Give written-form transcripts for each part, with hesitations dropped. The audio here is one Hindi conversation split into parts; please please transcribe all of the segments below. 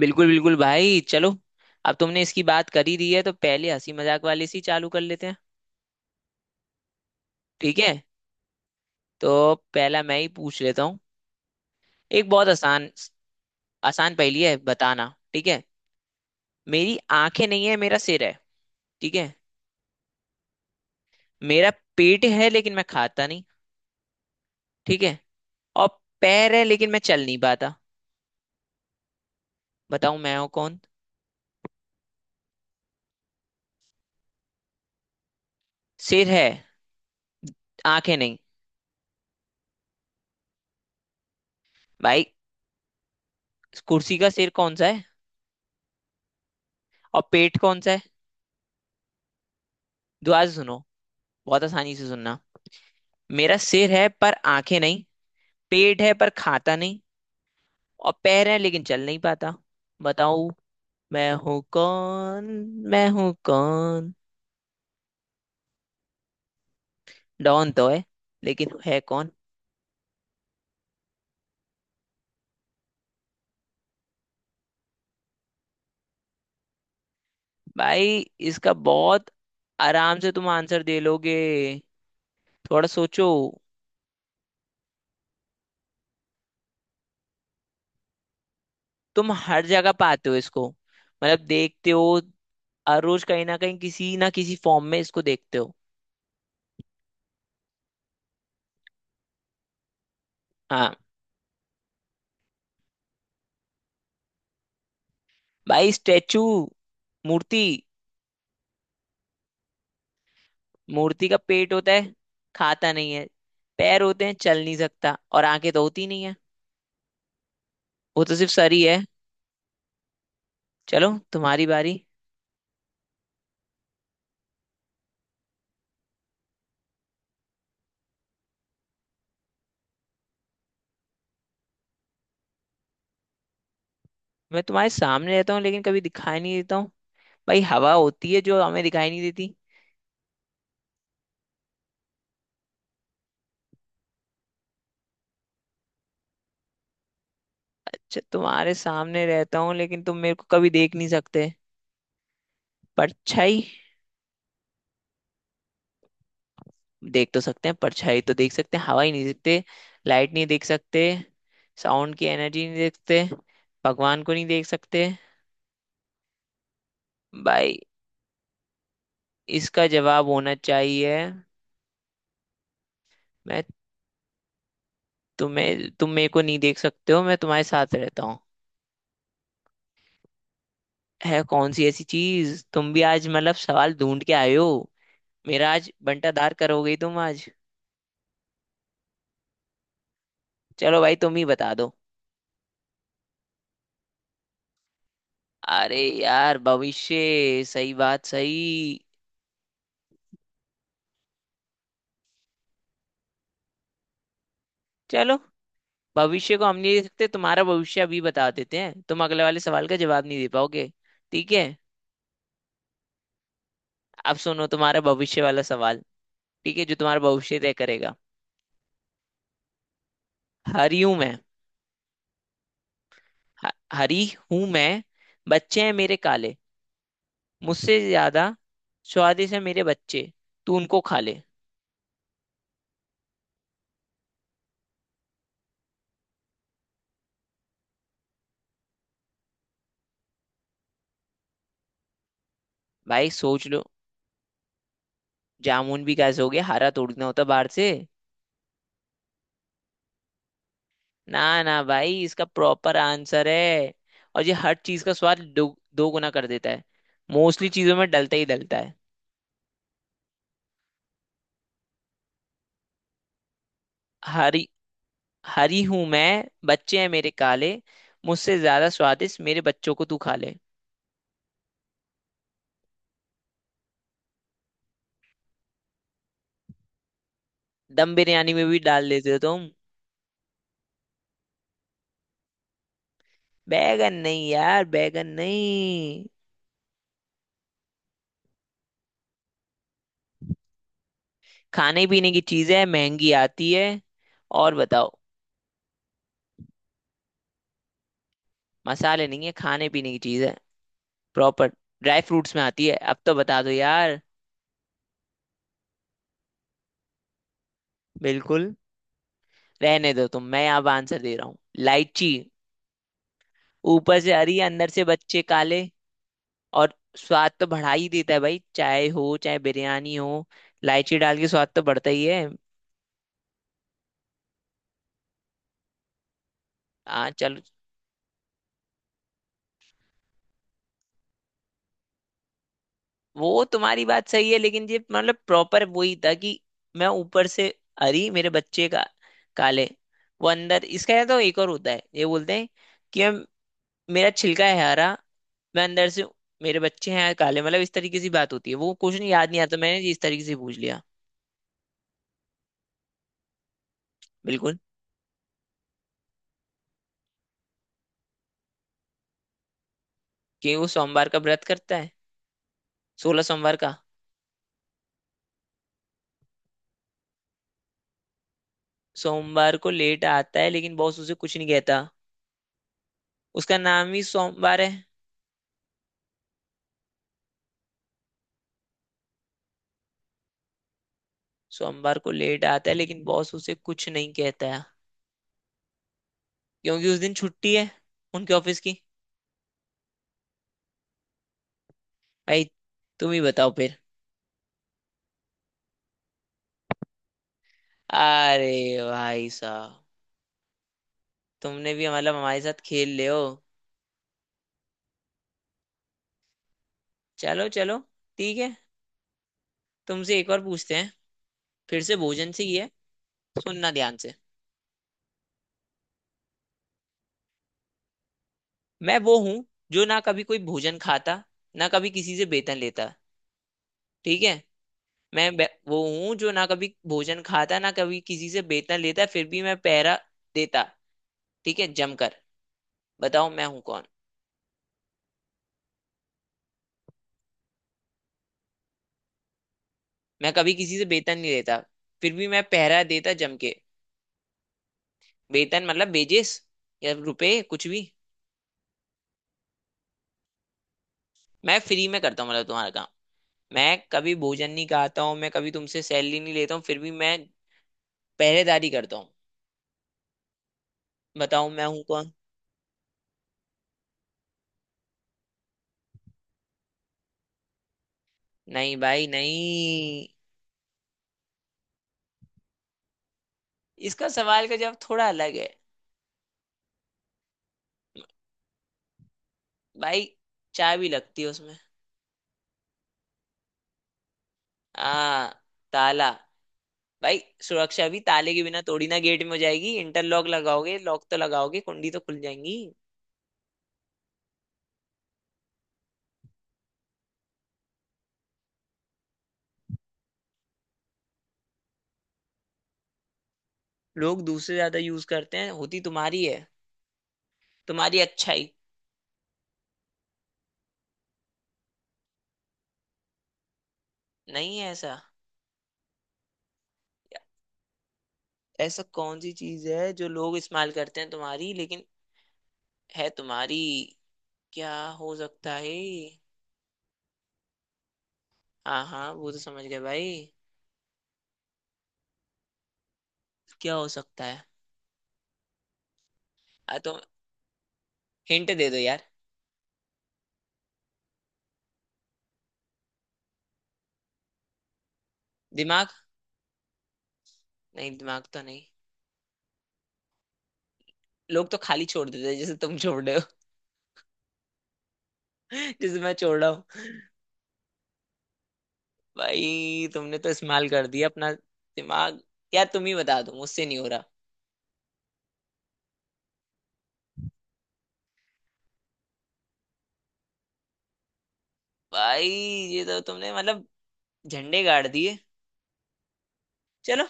बिल्कुल बिल्कुल भाई चलो। अब तुमने इसकी बात कर ही दी है तो पहले हंसी मजाक वाले से ही चालू कर लेते हैं। ठीक है, तो पहला मैं ही पूछ लेता हूँ। एक बहुत आसान आसान पहेली है बताना। ठीक है, मेरी आंखें नहीं है, मेरा सिर है। ठीक है, मेरा पेट है लेकिन मैं खाता नहीं। ठीक है, और पैर है लेकिन मैं चल नहीं पाता। बताऊं मैं हूं कौन। सिर है, आंखें नहीं। भाई कुर्सी का सिर कौन सा है और पेट कौन सा है। दोबारा से सुनो, बहुत आसानी से सुनना। मेरा सिर है पर आंखें नहीं। पेट है पर खाता नहीं। और पैर है लेकिन चल नहीं पाता। बताओ मैं हूँ कौन, मैं हूँ कौन। डॉन तो है, लेकिन है कौन। भाई इसका बहुत आराम से तुम आंसर दे लोगे। थोड़ा सोचो, तुम हर जगह पाते हो इसको। मतलब देखते हो, हर रोज कहीं ना कहीं किसी ना किसी फॉर्म में इसको देखते हो। हाँ, भाई स्टेचू, मूर्ति। मूर्ति का पेट होता है, खाता नहीं है। पैर होते हैं चल नहीं सकता, और आंखें तो होती नहीं है। वो तो सिर्फ सर ही है। चलो तुम्हारी बारी। मैं तुम्हारे सामने रहता हूँ लेकिन कभी दिखाई नहीं देता हूँ। भाई हवा होती है जो हमें दिखाई नहीं देती। अच्छा, तुम्हारे सामने रहता हूँ लेकिन तुम मेरे को कभी देख नहीं सकते। परछाई। देख तो सकते हैं, परछाई तो देख सकते हैं, हवा ही नहीं देखते। लाइट नहीं देख सकते। साउंड की एनर्जी नहीं देखते। भगवान को नहीं देख सकते। भाई इसका जवाब होना चाहिए मैं तुम्हें, तुम मेरे को नहीं देख सकते हो, मैं तुम्हारे साथ रहता हूँ। है कौन सी ऐसी चीज? तुम भी आज मतलब सवाल ढूंढ के आए हो, मेरा आज बंटाधार करोगे ही तुम आज। चलो भाई, तुम ही बता दो। अरे यार भविष्य, सही बात सही। चलो, भविष्य को हम नहीं दे सकते। तुम्हारा भविष्य अभी बता देते हैं, तुम अगले वाले सवाल का जवाब नहीं दे पाओगे। ठीक है, अब सुनो तुम्हारा भविष्य वाला सवाल। ठीक है, जो तुम्हारा भविष्य तय करेगा। हरी हूं मैं। ह- हरी हूं मैं, बच्चे हैं मेरे काले, मुझसे ज्यादा स्वादिष्ट है मेरे बच्चे, तू उनको खा ले। भाई सोच लो। जामुन भी कैसे हो गया? हरा तोड़ना होता बाहर से? ना ना भाई, इसका प्रॉपर आंसर है। और ये हर चीज का स्वाद दो, दो गुना कर देता है। मोस्टली चीजों में डलता ही डलता है। हरी, हरी हूं मैं बच्चे हैं मेरे काले, मुझसे ज्यादा स्वादिष्ट मेरे बच्चों को तू खा ले। दम बिरयानी में भी डाल देते हो तुम। बैगन नहीं यार, बैगन नहीं। खाने पीने की चीज है, महंगी आती है। और बताओ। मसाले नहीं है, खाने पीने की चीज है प्रॉपर, ड्राई फ्रूट्स में आती है। अब तो बता दो यार। बिल्कुल। रहने दो तुम, मैं यहाँ आंसर दे रहा हूँ। लाइची, ऊपर से हरी अंदर से बच्चे काले। और स्वाद तो बढ़ा ही देता है भाई, चाय हो चाहे बिरयानी हो, इलायची डाल के स्वाद तो बढ़ता ही है। हाँ चलो। वो तुम्हारी बात सही है, लेकिन ये मतलब प्रॉपर वही था कि मैं ऊपर से हरी, मेरे बच्चे का काले, वो अंदर। इसका या तो एक और होता है, ये बोलते हैं कि हम, मेरा छिलका है हरा, मैं अंदर से, मेरे बच्चे हैं काले। मतलब इस तरीके से बात होती है वो, कुछ नहीं, याद नहीं आता, मैंने इस तरीके से पूछ लिया। बिल्कुल। कि वो सोमवार का व्रत करता है, 16 सोमवार का। सोमवार को लेट आता है लेकिन बॉस उसे कुछ नहीं कहता। उसका नाम ही सोमवार है। सोमवार को लेट आता है लेकिन बॉस उसे कुछ नहीं कहता है। क्योंकि उस दिन छुट्टी है उनके ऑफिस की। भाई तुम ही बताओ फिर। अरे भाई साहब, तुमने भी मतलब हमारे साथ खेल ले हो। चलो चलो, ठीक है, तुमसे एक और पूछते हैं। फिर से भोजन से ही है। सुनना ध्यान से। मैं वो हूँ जो ना कभी कोई भोजन खाता, ना कभी किसी से वेतन लेता। ठीक है, वो हूँ जो ना कभी भोजन खाता, ना कभी किसी से वेतन लेता, फिर भी मैं पहरा देता। ठीक है जमकर। बताओ मैं हूँ कौन। मैं कभी किसी से वेतन नहीं लेता, फिर भी मैं पहरा देता जम के। वेतन मतलब वेजेस, या रुपए कुछ भी। मैं फ्री में करता हूँ मतलब तुम्हारा काम। मैं कभी भोजन नहीं खाता हूँ, मैं कभी तुमसे सैलरी नहीं लेता हूँ, फिर भी मैं पहरेदारी करता हूँ। बताओ मैं हूँ कौन। नहीं भाई नहीं, इसका सवाल का जवाब थोड़ा अलग है। भाई चाय भी लगती है उसमें। आ, ताला। भाई सुरक्षा भी ताले के बिना तोड़ी ना गेट में हो जाएगी, इंटरलॉक लगाओगे, लॉक तो लगाओगे, कुंडी तो खुल जाएंगी। लोग दूसरे ज्यादा यूज करते हैं, होती तुम्हारी है। तुम्हारी अच्छाई? नहीं है ऐसा। ऐसा कौन सी चीज है जो लोग इस्तेमाल करते हैं तुम्हारी, लेकिन है तुम्हारी। क्या हो सकता है? हाँ हाँ वो तो समझ गए भाई। क्या हो सकता है? तो हिंट दे दो यार। दिमाग? नहीं दिमाग तो नहीं। लोग तो खाली छोड़ देते हैं जैसे तुम छोड़ रहे हो, जैसे मैं छोड़ रहा हूँ। भाई तुमने तो इस्तेमाल कर दिया अपना दिमाग। यार तुम ही बता दो, मुझसे नहीं हो रहा। भाई ये तो तुमने मतलब झंडे गाड़ दिए। चलो,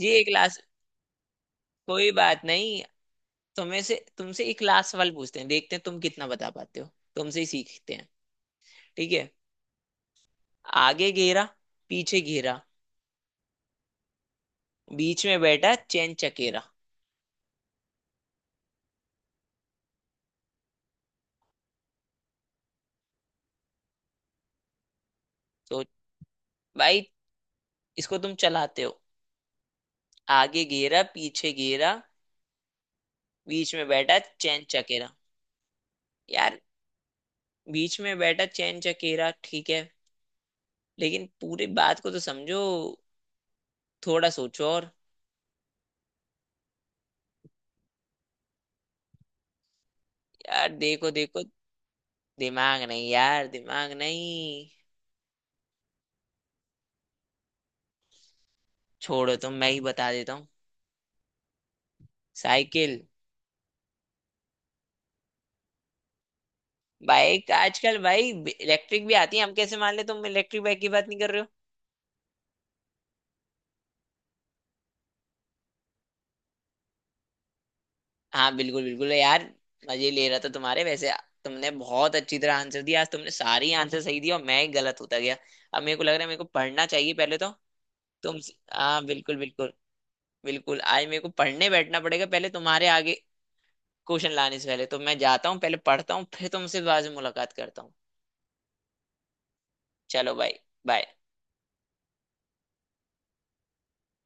ये एक लास्ट, कोई बात नहीं, तुम्हें से तुमसे एक लास्ट सवाल पूछते हैं, देखते हैं तुम कितना बता पाते हो, तुमसे ही सीखते हैं। ठीक है। आगे घेरा, पीछे घेरा, बीच में बैठा चैन चकेरा। तो भाई इसको तुम चलाते हो। आगे घेरा, पीछे घेरा, बीच में बैठा चैन चकेरा। यार, बीच में बैठा चैन चकेरा ठीक है, लेकिन पूरी बात को तो समझो, थोड़ा सोचो और। यार देखो देखो। दिमाग नहीं यार, दिमाग नहीं। छोड़ो तुम, मैं ही बता देता हूँ। साइकिल। बाइक आजकल भाई इलेक्ट्रिक भी आती है, हम कैसे मान ले तुम इलेक्ट्रिक बाइक की बात नहीं कर रहे हो। हाँ बिल्कुल बिल्कुल यार, मजे ले रहा था तुम्हारे वैसे। तुमने बहुत अच्छी तरह आंसर दिया आज, तुमने सारी आंसर सही दिया और मैं ही गलत होता गया। अब मेरे को लग रहा है मेरे को पढ़ना चाहिए पहले तो। तुम, हाँ बिल्कुल बिल्कुल। बिल्कुल आज मेरे को पढ़ने बैठना पड़ेगा, पहले तुम्हारे आगे क्वेश्चन लाने से पहले तो। मैं जाता हूँ, पहले पढ़ता हूँ, फिर तुमसे बाद में मुलाकात करता हूँ। चलो भाई। बाय।